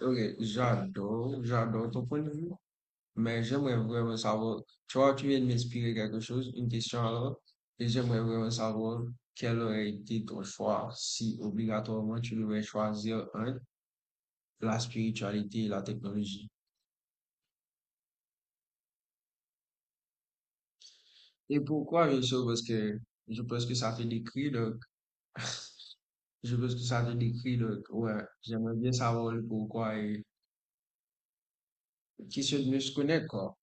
Ok, j'adore ton point de vue, mais j'aimerais vraiment savoir, tu vois, tu viens de m'inspirer quelque chose, une question alors, et j'aimerais vraiment savoir quel aurait été ton choix si obligatoirement tu devais choisir un, la spiritualité et la technologie. Et pourquoi, bien sûr, parce que je pense que ça te décrit, donc, je pense que ça te décrit, donc, ouais, j'aimerais bien savoir le pourquoi et qui se mieux se connaît, quoi.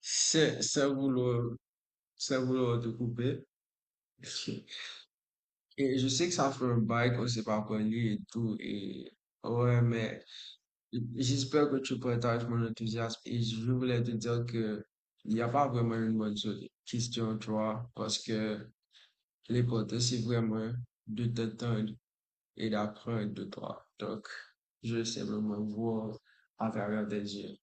C'est, c'est vouloir, c'est vouloir te couper. Et je sais que ça fait un bail qu'on s'est pas parlé et tout. Et ouais, mais j'espère que tu partages mon enthousiasme. Et je voulais te dire que il n'y a pas vraiment une bonne question, tu vois, parce que l'important, c'est vraiment de t'entendre et d'apprendre de toi. Donc, je vais simplement voir à travers tes yeux.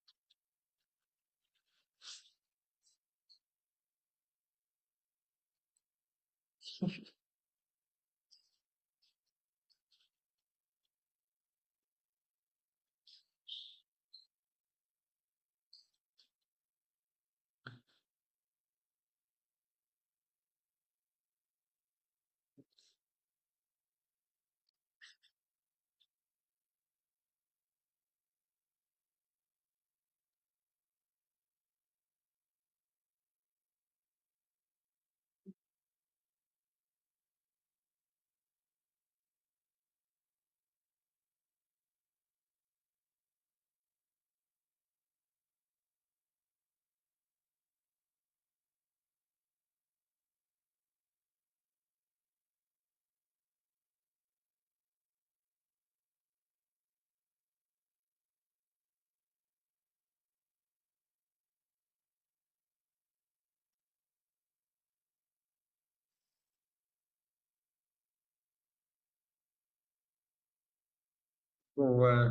Bon, ouais,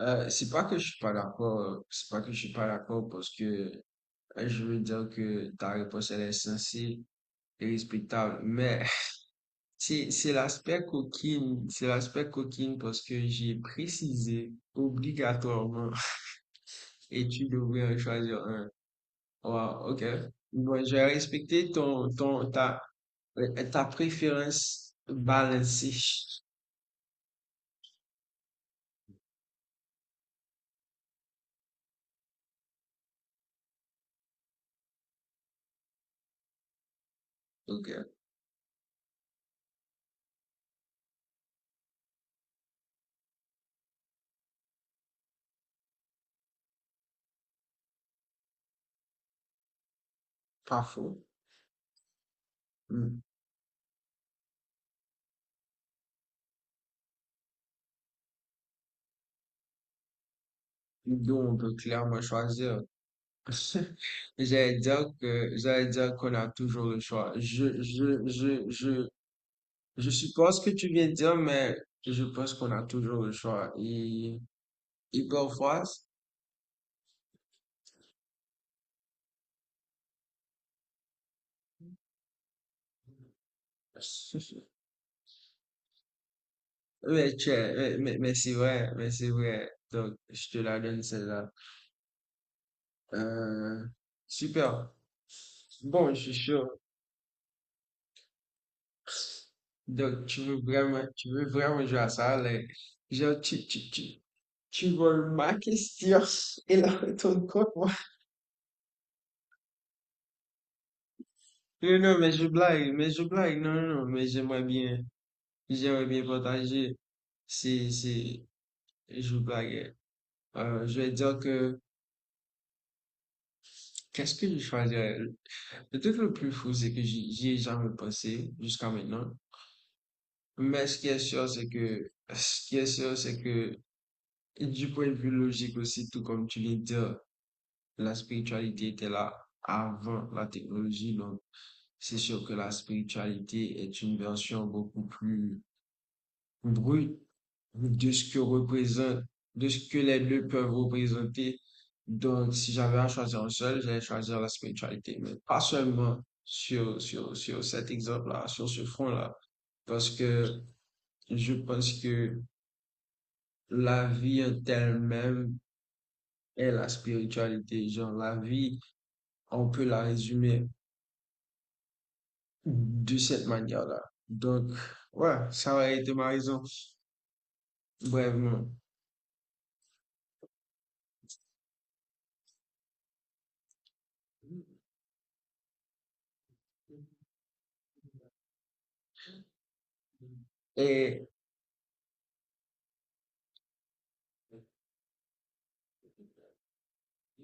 c'est pas que je suis pas d'accord, c'est pas que je suis pas d'accord parce que je veux dire que ta réponse, elle est sensée et respectable. Mais c'est l'aspect coquine, c'est l'aspect coquine parce que j'ai précisé obligatoirement, et tu devrais en choisir un. Wow, ok. Bon, je vais respecter ta préférence balancée. Ok, pas faux. Hmm. Donc, on peut clairement choisir. J'allais dire qu'on a toujours le choix. Je suppose que tu viens de dire, mais je pense qu'on a toujours le choix. Et parfois, mais c'est vrai, mais c'est vrai. Donc, je te la donne celle-là. Euh, super. Bon, je suis sûr. Donc, tu veux vraiment jouer à ça, là. Genre, tu voles ma question et la retourne contre moi. Non, non, mais je blague, mais je blague. Non, non, non, mais j'aimerais bien partager. C'est, c'est, Je blaguais. Je vais dire que qu'est-ce que je choisirais? Le truc le plus fou, c'est que j'y ai jamais pensé jusqu'à maintenant. Mais ce qui est sûr, c'est que du point de vue logique aussi, tout comme tu l'as dit, la spiritualité était là avant la technologie. Donc, c'est sûr que la spiritualité est une version beaucoup plus brute de ce que représente, de ce que les deux peuvent représenter. Donc, si j'avais à choisir un seul, j'allais choisir la spiritualité, mais pas seulement sur cet exemple-là, sur ce front-là, parce que je pense que la vie en elle-même est la spiritualité. Genre, la vie, on peut la résumer de cette manière-là. Donc, ouais, ça aurait été ma raison, brèvement. Et,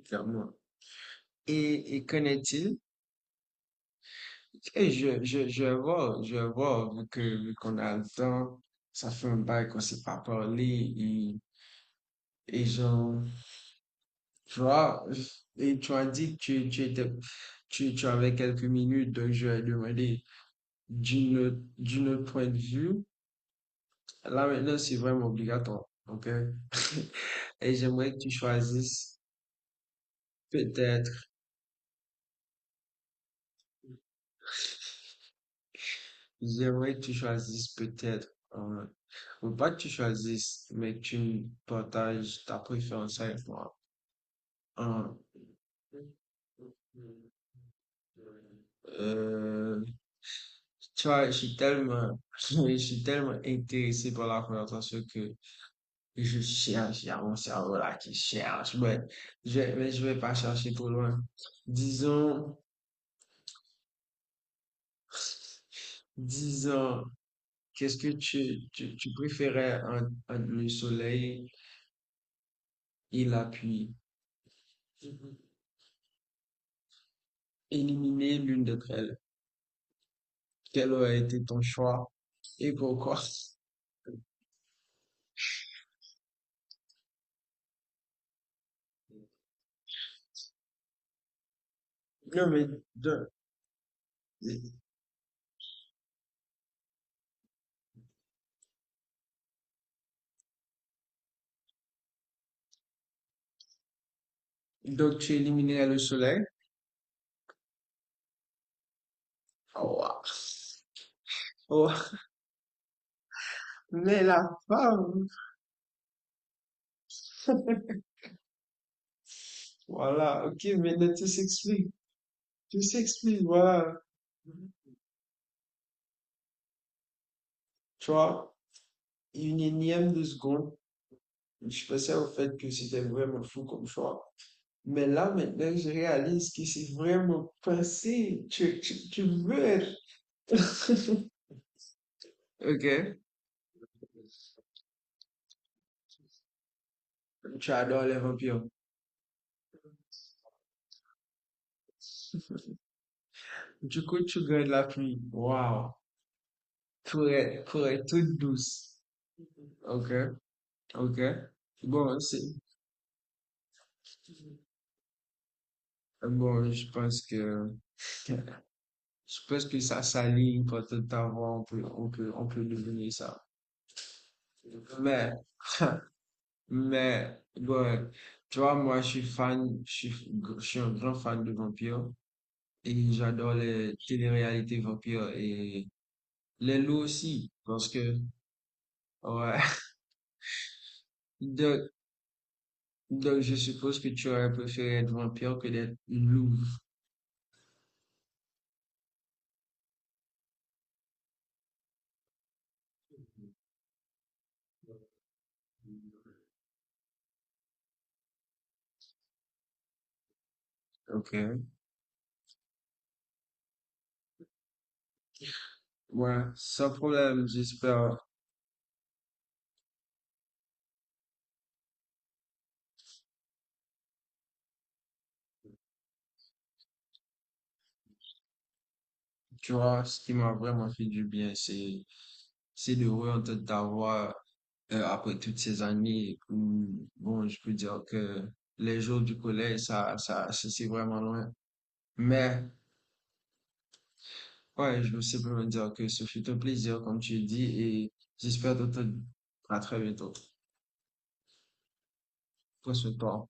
clairement. Et qu'en est-il? Et je vois, vu qu'on a le temps, ça fait un bail qu'on s'est pas parlé, et genre, tu vois, et tu as dit que tu étais, tu avais quelques minutes, donc je vais demander d'une autre point de vue. Là, maintenant, c'est vraiment obligatoire, ok? Et j'aimerais que tu choisisses peut-être. J'aimerais que tu choisisses peut-être, euh, ou pas que tu choisisses, mais que tu partages ta préférence avec moi. Un, euh, tu vois, je suis tellement, je suis tellement intéressé par la conversation que je cherche, il y a mon cerveau là qui cherche, mais mais je vais pas chercher trop loin. Disons, disons, qu'est-ce que tu préférais entre, entre le soleil il a pu éliminer l'une d'entre elles. Quel a été ton choix et pourquoi? Non, mais de- donc tu éliminais le soleil. Oh, wa- oh, mais la femme, voilà, ok, maintenant tu s'expliques, voilà. Tu vois, une énième de seconde, je pensais au fait que c'était vraiment fou comme choix. Mais là, maintenant, je réalise que c'est vraiment pensé. Tu veux être. Ok. Tu adores les vampires. Du coup, tu gagnes la pluie. Waouh. Pour être toute douce. Ok, ok. Bon, c'est, bon, je pense que ça s'aligne pour tout avoir, on peut deviner ça. Mais, mais, bon, tu vois, moi, je suis fan, je suis un grand fan de vampires et j'adore les téléréalités vampires et les loups aussi parce que, ouais. De, Donc, je suppose que tu aurais préféré être vampire que d'être loup. Ok. Ouais, sans problème, j'espère. Tu vois, ce qui m'a vraiment fait du bien, c'est de réentendre ta voix après toutes ces années, où, bon, je peux dire que les jours du collège, ça, c'est vraiment loin. Mais, ouais, je veux simplement dire que ce fut un plaisir, comme tu dis, et j'espère t'entendre à très bientôt. Prends soin de toi.